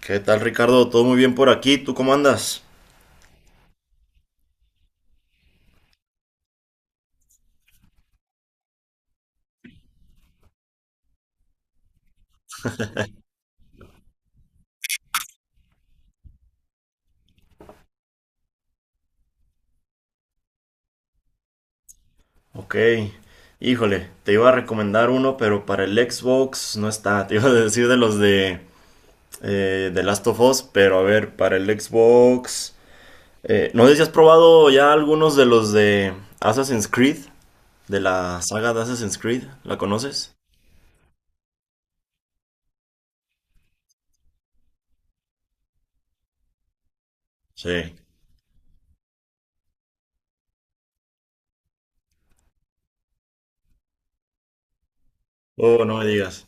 ¿Qué tal, Ricardo? ¿Todo muy bien por aquí? ¿Tú cómo andas? Ok. Híjole, te iba a recomendar uno, pero para el Xbox no está. Te iba a decir de los de Last of Us, pero a ver, para el Xbox... no sé si has probado ya algunos de los de Assassin's Creed, de la saga de Assassin's Creed. ¿La conoces? Sí. Oh, no me digas.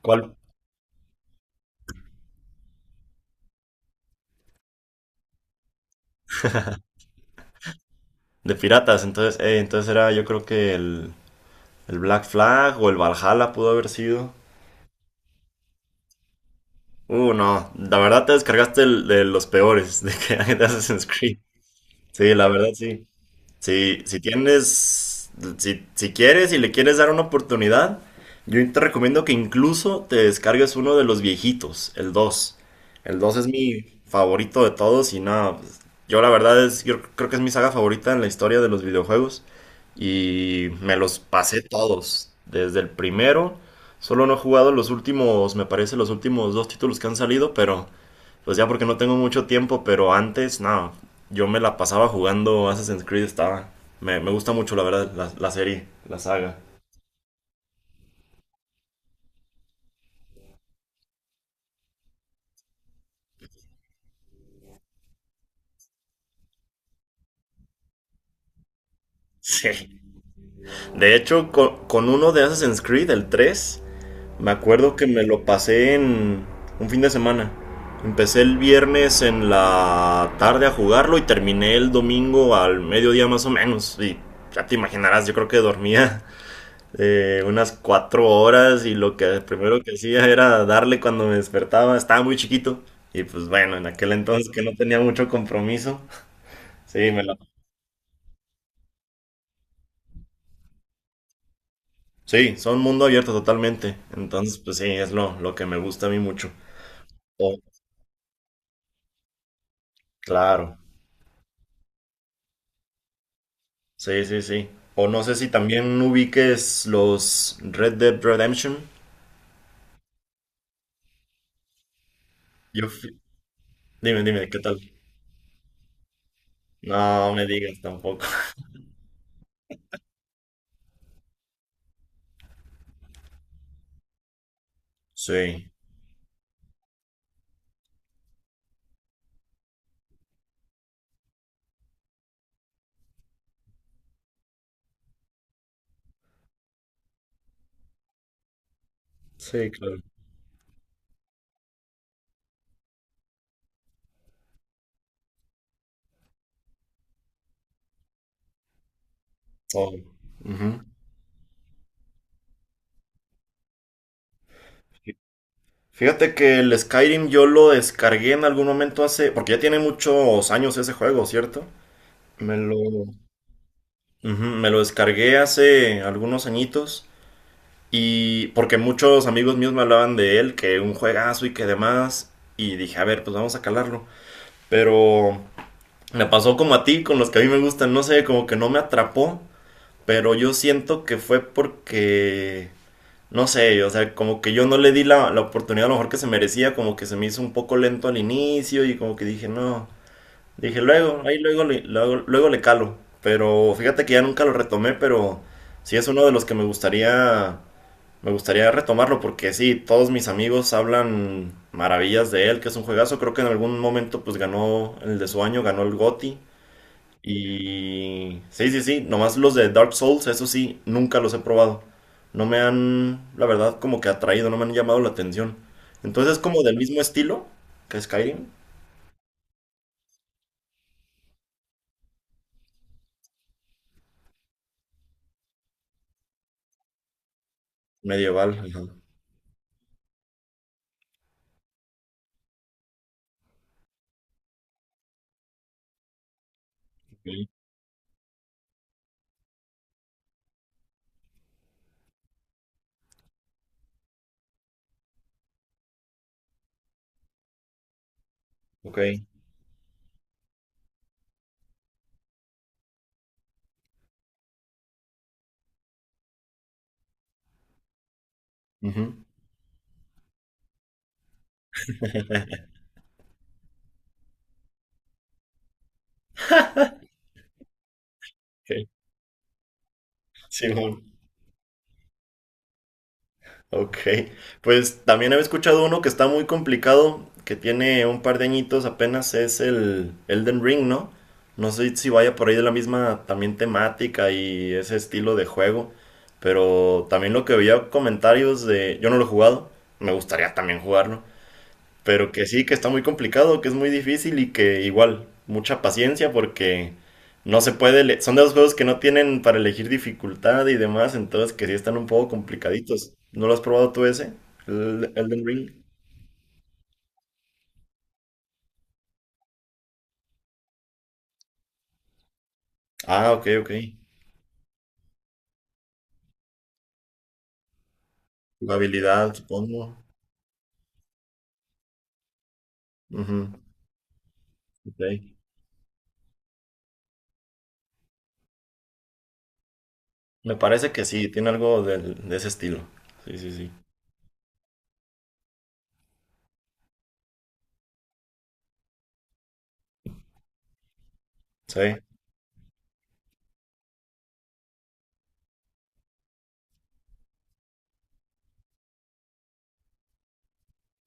¿Cuál? De piratas, entonces era yo creo que el Black Flag o el Valhalla pudo haber sido. No, la verdad te descargaste de los peores de que hay de Assassin's Creed. Sí, la verdad sí. Si tienes, si quieres y le quieres dar una oportunidad, yo te recomiendo que incluso te descargues uno de los viejitos, el dos. El dos es mi favorito de todos y nada, pues, yo la verdad es, yo creo que es mi saga favorita en la historia de los videojuegos y me los pasé todos, desde el primero, solo no he jugado los últimos, me parece los últimos dos títulos que han salido, pero... Pues ya porque no tengo mucho tiempo, pero antes, nada, yo me la pasaba jugando Assassin's Creed, estaba... Me gusta mucho, la verdad, la serie, la saga. Sí. De hecho, con uno de Assassin's Creed, el 3 me acuerdo que me lo pasé en un fin de semana. Empecé el viernes en la tarde a jugarlo y terminé el domingo al mediodía más o menos. Y ya te imaginarás, yo creo que dormía unas 4 horas y lo que primero que hacía era darle cuando me despertaba, estaba muy chiquito y pues bueno, en aquel entonces que no tenía mucho compromiso, sí, me la... Sí, son mundo abierto totalmente, entonces pues sí, es lo que me gusta a mí mucho. O- claro, sí, sí, sí. O no sé si también ubiques los Red Dead Redemption. Yo fui- Dime, dime, ¿qué tal? No me digas tampoco. Sí, sí, claro. Oh, ujú. Fíjate que el Skyrim yo lo descargué en algún momento hace, porque ya tiene muchos años ese juego, ¿cierto? Ujú, me lo descargué hace algunos añitos y porque muchos amigos míos me hablaban de él, que un juegazo y que demás, y dije, a ver, pues vamos a calarlo. Pero me pasó como a ti, con los que a mí me gustan, no sé, como que no me atrapó, pero yo siento que fue porque... no sé, o sea, como que yo no le di la oportunidad a lo mejor que se merecía, como que se me hizo un poco lento al inicio y como que dije, no, dije luego, ahí luego, luego, luego le calo, pero fíjate que ya nunca lo retomé, pero sí es uno de los que me gustaría retomarlo porque sí, todos mis amigos hablan maravillas de él, que es un juegazo, creo que en algún momento pues ganó el de su año, ganó el GOTY, y sí, sí, sí, nomás los de Dark Souls, eso sí, nunca los he probado. No me han, la verdad, como que atraído, no me han llamado la atención. Entonces es como del mismo estilo que Skyrim, medieval. Ajá. Ok. Ok. Ujú. Ok. Simón. Ok, pues también había escuchado uno que está muy complicado, que tiene un par de añitos apenas, es el Elden Ring, ¿no? No sé si vaya por ahí de la misma también temática y ese estilo de juego, pero también lo que veía comentarios de, yo no lo he jugado, me gustaría también jugarlo, pero que sí, que está muy complicado, que es muy difícil y que igual, mucha paciencia porque no se puede, son de los juegos que no tienen para elegir dificultad y demás, entonces que sí están un poco complicaditos. ¿No lo has probado tú ese? El Elden Ring. Ah, ok, ok. Jugabilidad, supongo. Ujú, ok. Me parece que sí, tiene algo de ese estilo. Sí, sí, sí. Sí,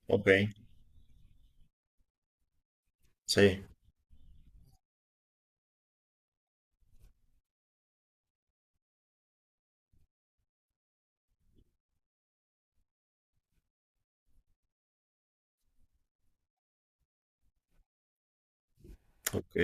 ok. Sí, ok,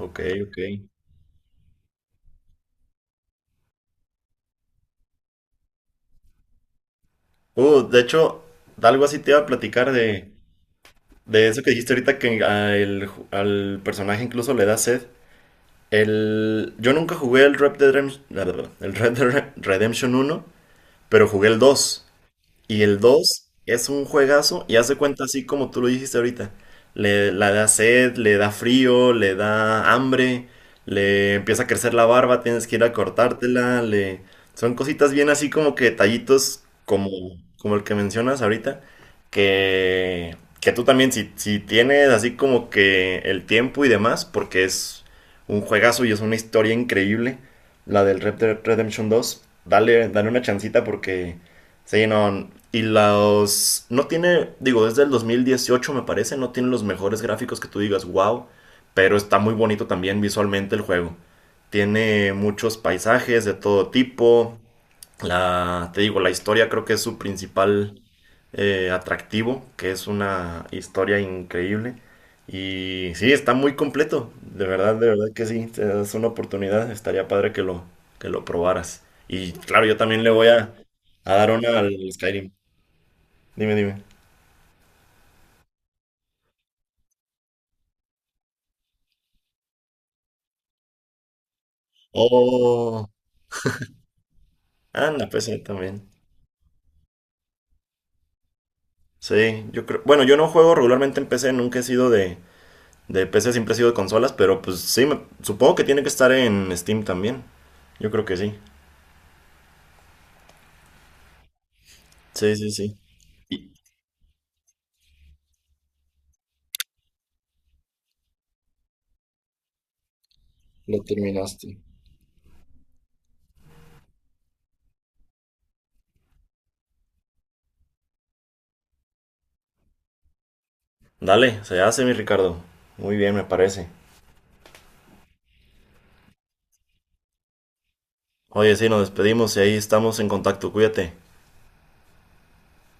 ok, ok. De hecho, de algo así te iba a platicar de... De eso que dijiste ahorita que al personaje incluso le da sed. Yo nunca jugué el Red Dead Redemption, el Red Dead Redemption 1, pero jugué el 2. Y el 2 es un juegazo y hace cuenta así como tú lo dijiste ahorita. La da sed, le da frío, le da hambre, le empieza a crecer la barba, tienes que ir a cortártela, le... Son cositas bien así como que detallitos como el que mencionas ahorita, que tú también si tienes así como que el tiempo y demás, porque es un juegazo y es una historia increíble, la del Red Dead Redemption dos dale, dale una chancita porque... Sí, no. Y los... No tiene, digo, desde el 2018 me parece, no tiene los mejores gráficos que tú digas, wow, pero está muy bonito también visualmente el juego. Tiene muchos paisajes de todo tipo, te digo, la historia creo que es su principal atractivo, que es una historia increíble. Y sí, está muy completo. De verdad que sí. Te das una oportunidad. Estaría padre que lo probaras. Y claro, yo también le voy a dar una al Skyrim. Dime, dime. Oh, anda, PC también. Sí, yo creo. Bueno, yo no juego regularmente en PC, nunca he sido de, De PC siempre ha sido de consolas, pero pues sí, supongo que tiene que estar en Steam también. Yo creo que sí. Sí, sí, sí. Y lo terminaste. Dale, se hace mi Ricardo. Muy bien, me parece. Oye, sí, nos despedimos y ahí estamos en contacto. Cuídate.